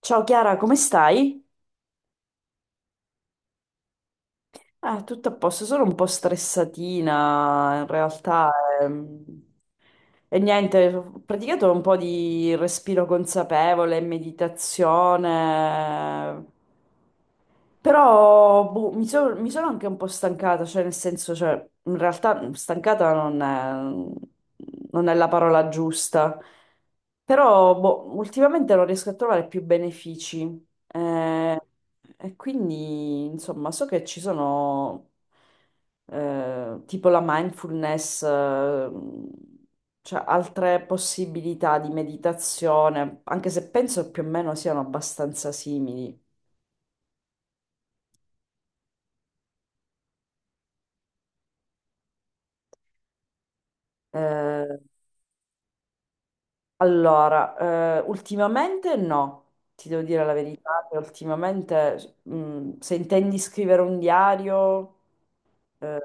Ciao Chiara, come stai? Ah, tutto a posto, sono un po' stressatina in realtà. ehm. E niente, ho praticato un po' di respiro consapevole, meditazione, però boh, mi sono anche un po' stancata, cioè nel senso, cioè, in realtà stancata non è la parola giusta, però boh, ultimamente non riesco a trovare più benefici. E quindi, insomma, so che ci sono tipo la mindfulness, cioè altre possibilità di meditazione, anche se penso più o meno siano abbastanza simili. Eh, allora, ultimamente no, ti devo dire la verità, che ultimamente, se intendi scrivere un diario, eh.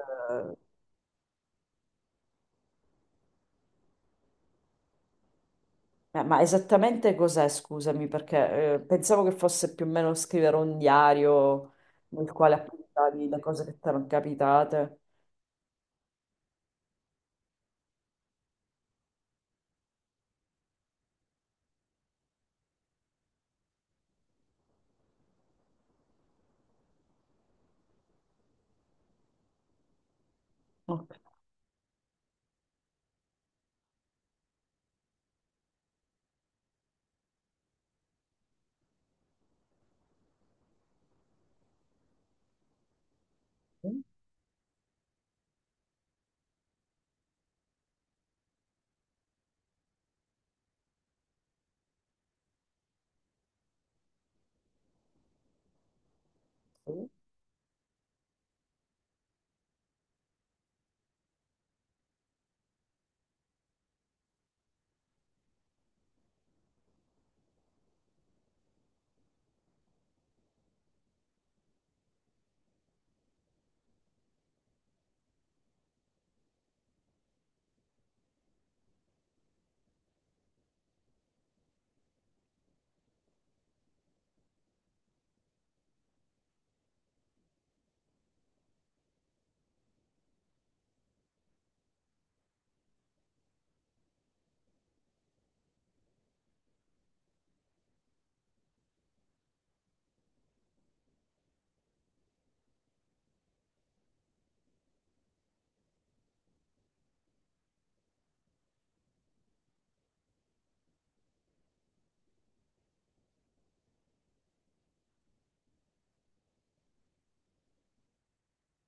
Ma esattamente cos'è, scusami, perché pensavo che fosse più o meno scrivere un diario nel quale appuntavi le cose che ti erano capitate. Ok.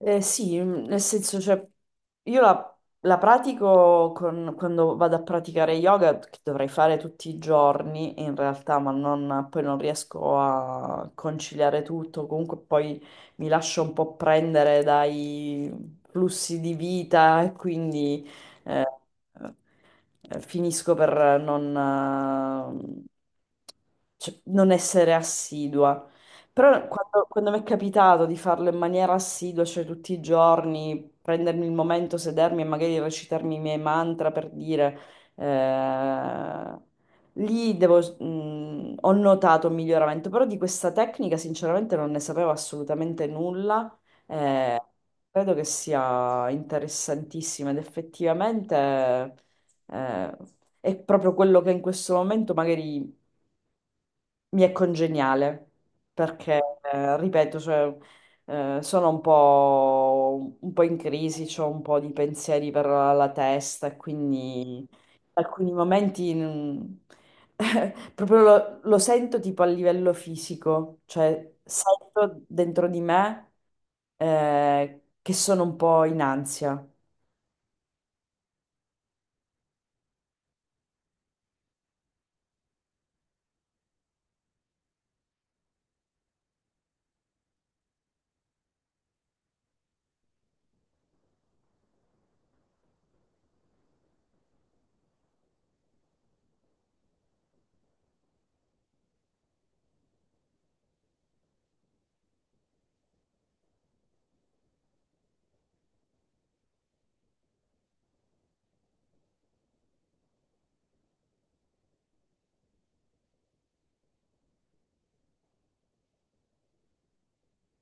Sì, mm, nel senso, cioè, io la pratico quando vado a praticare yoga, che dovrei fare tutti i giorni in realtà, ma poi non riesco a conciliare tutto, comunque poi mi lascio un po' prendere dai flussi di vita e quindi eh, finisco per non, eh, cioè, non essere assidua. Però quando mi è capitato di farlo in maniera assidua, cioè tutti i giorni, prendermi il momento, sedermi e magari recitarmi i miei mantra per dire, eh, lì ho notato un miglioramento, però di questa tecnica sinceramente non ne sapevo assolutamente nulla. eh, Credo che sia interessantissima ed effettivamente, eh, è proprio quello che in questo momento magari mi è congeniale perché, ripeto, cioè, sono un po' in crisi, ho un po' di pensieri per la testa e quindi alcuni momenti proprio lo sento tipo a livello fisico, cioè sento dentro di me che sono un po' in ansia.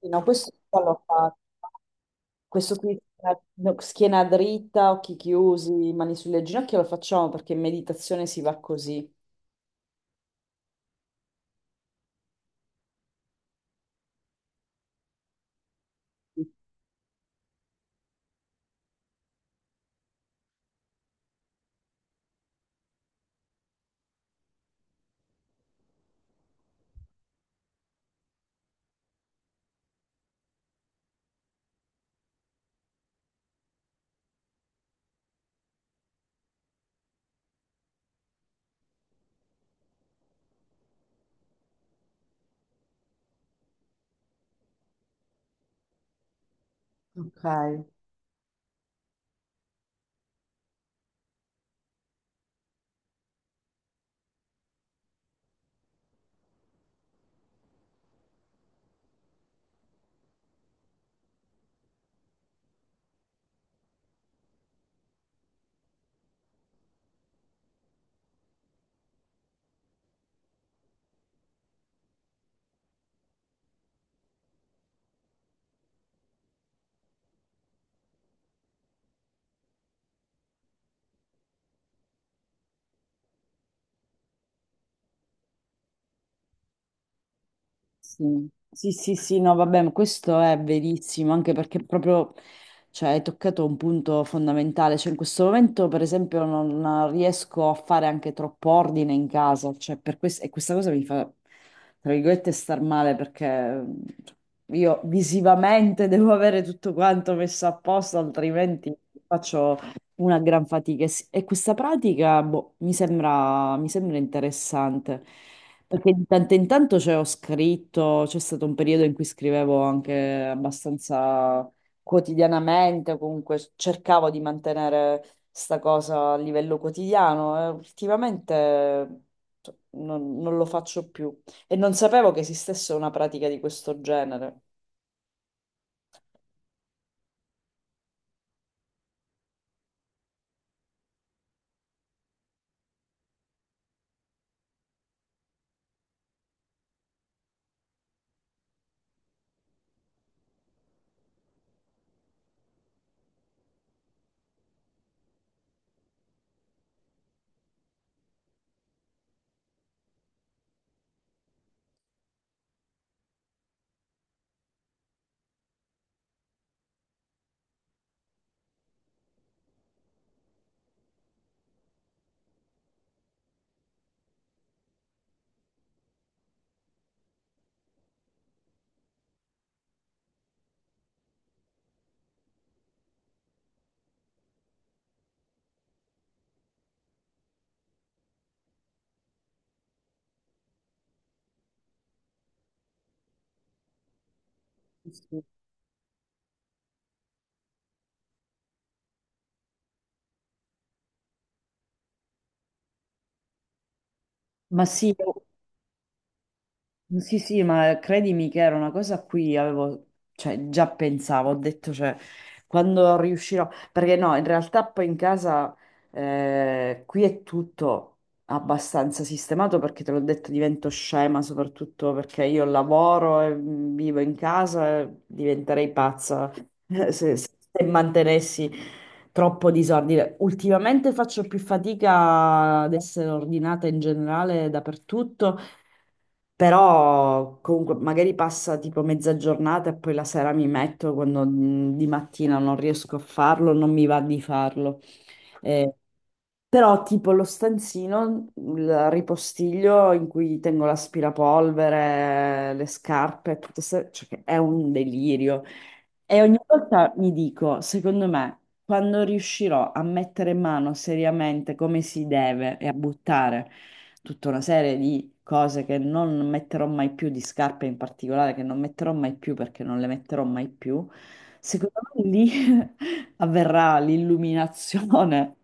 Sì, no, questo l'ho fatto. Questo qui, no, schiena dritta, occhi chiusi, mani sulle ginocchia, lo facciamo perché in meditazione si va così. Ok. Sì, sì, sì, sì, no, vabbè, ma questo è verissimo, anche perché proprio, cioè, hai toccato un punto fondamentale, cioè in questo momento, per esempio, non riesco a fare anche troppo ordine in casa, cioè, per questo, e questa cosa mi fa, tra virgolette, star male, perché io visivamente devo avere tutto quanto messo a posto, altrimenti faccio... Una gran fatica e questa pratica boh, mi sembra interessante perché di tanto in tanto cioè, ho scritto, c'è stato un periodo in cui scrivevo anche abbastanza quotidianamente, o comunque cercavo di mantenere sta cosa a livello quotidiano e ultimamente cioè, non lo faccio più e non sapevo che esistesse una pratica di questo genere. Sì, sì. Ma sì, sì, sì, ma credimi che era una cosa a cui avevo, cioè, già pensavo, ho detto, cioè, quando riuscirò, perché no, in realtà poi in casa qui è tutto abbastanza sistemato perché te l'ho detto, divento scema, soprattutto perché io lavoro e vivo in casa, e diventerei pazza se, se mantenessi troppo disordine. Ultimamente faccio più fatica ad essere ordinata in generale dappertutto. Però comunque magari passa tipo mezza giornata e poi la sera mi metto quando di mattina non riesco a farlo, non mi va di farlo. Eh, però tipo lo stanzino, il ripostiglio in cui tengo l'aspirapolvere, le scarpe, tutto se- cioè, che è un delirio. E ogni volta mi dico, secondo me, quando riuscirò a mettere in mano seriamente come si deve e a buttare tutta una serie di cose che non metterò mai più, di scarpe in particolare, che non metterò mai più perché non le metterò mai più, secondo me lì avverrà l'illuminazione.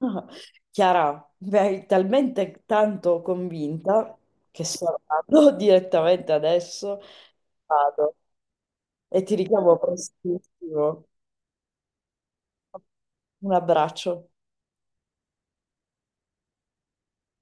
Chiara, mi hai talmente tanto convinta che salgo direttamente adesso, vado e ti richiamo prestissimo. Un abbraccio.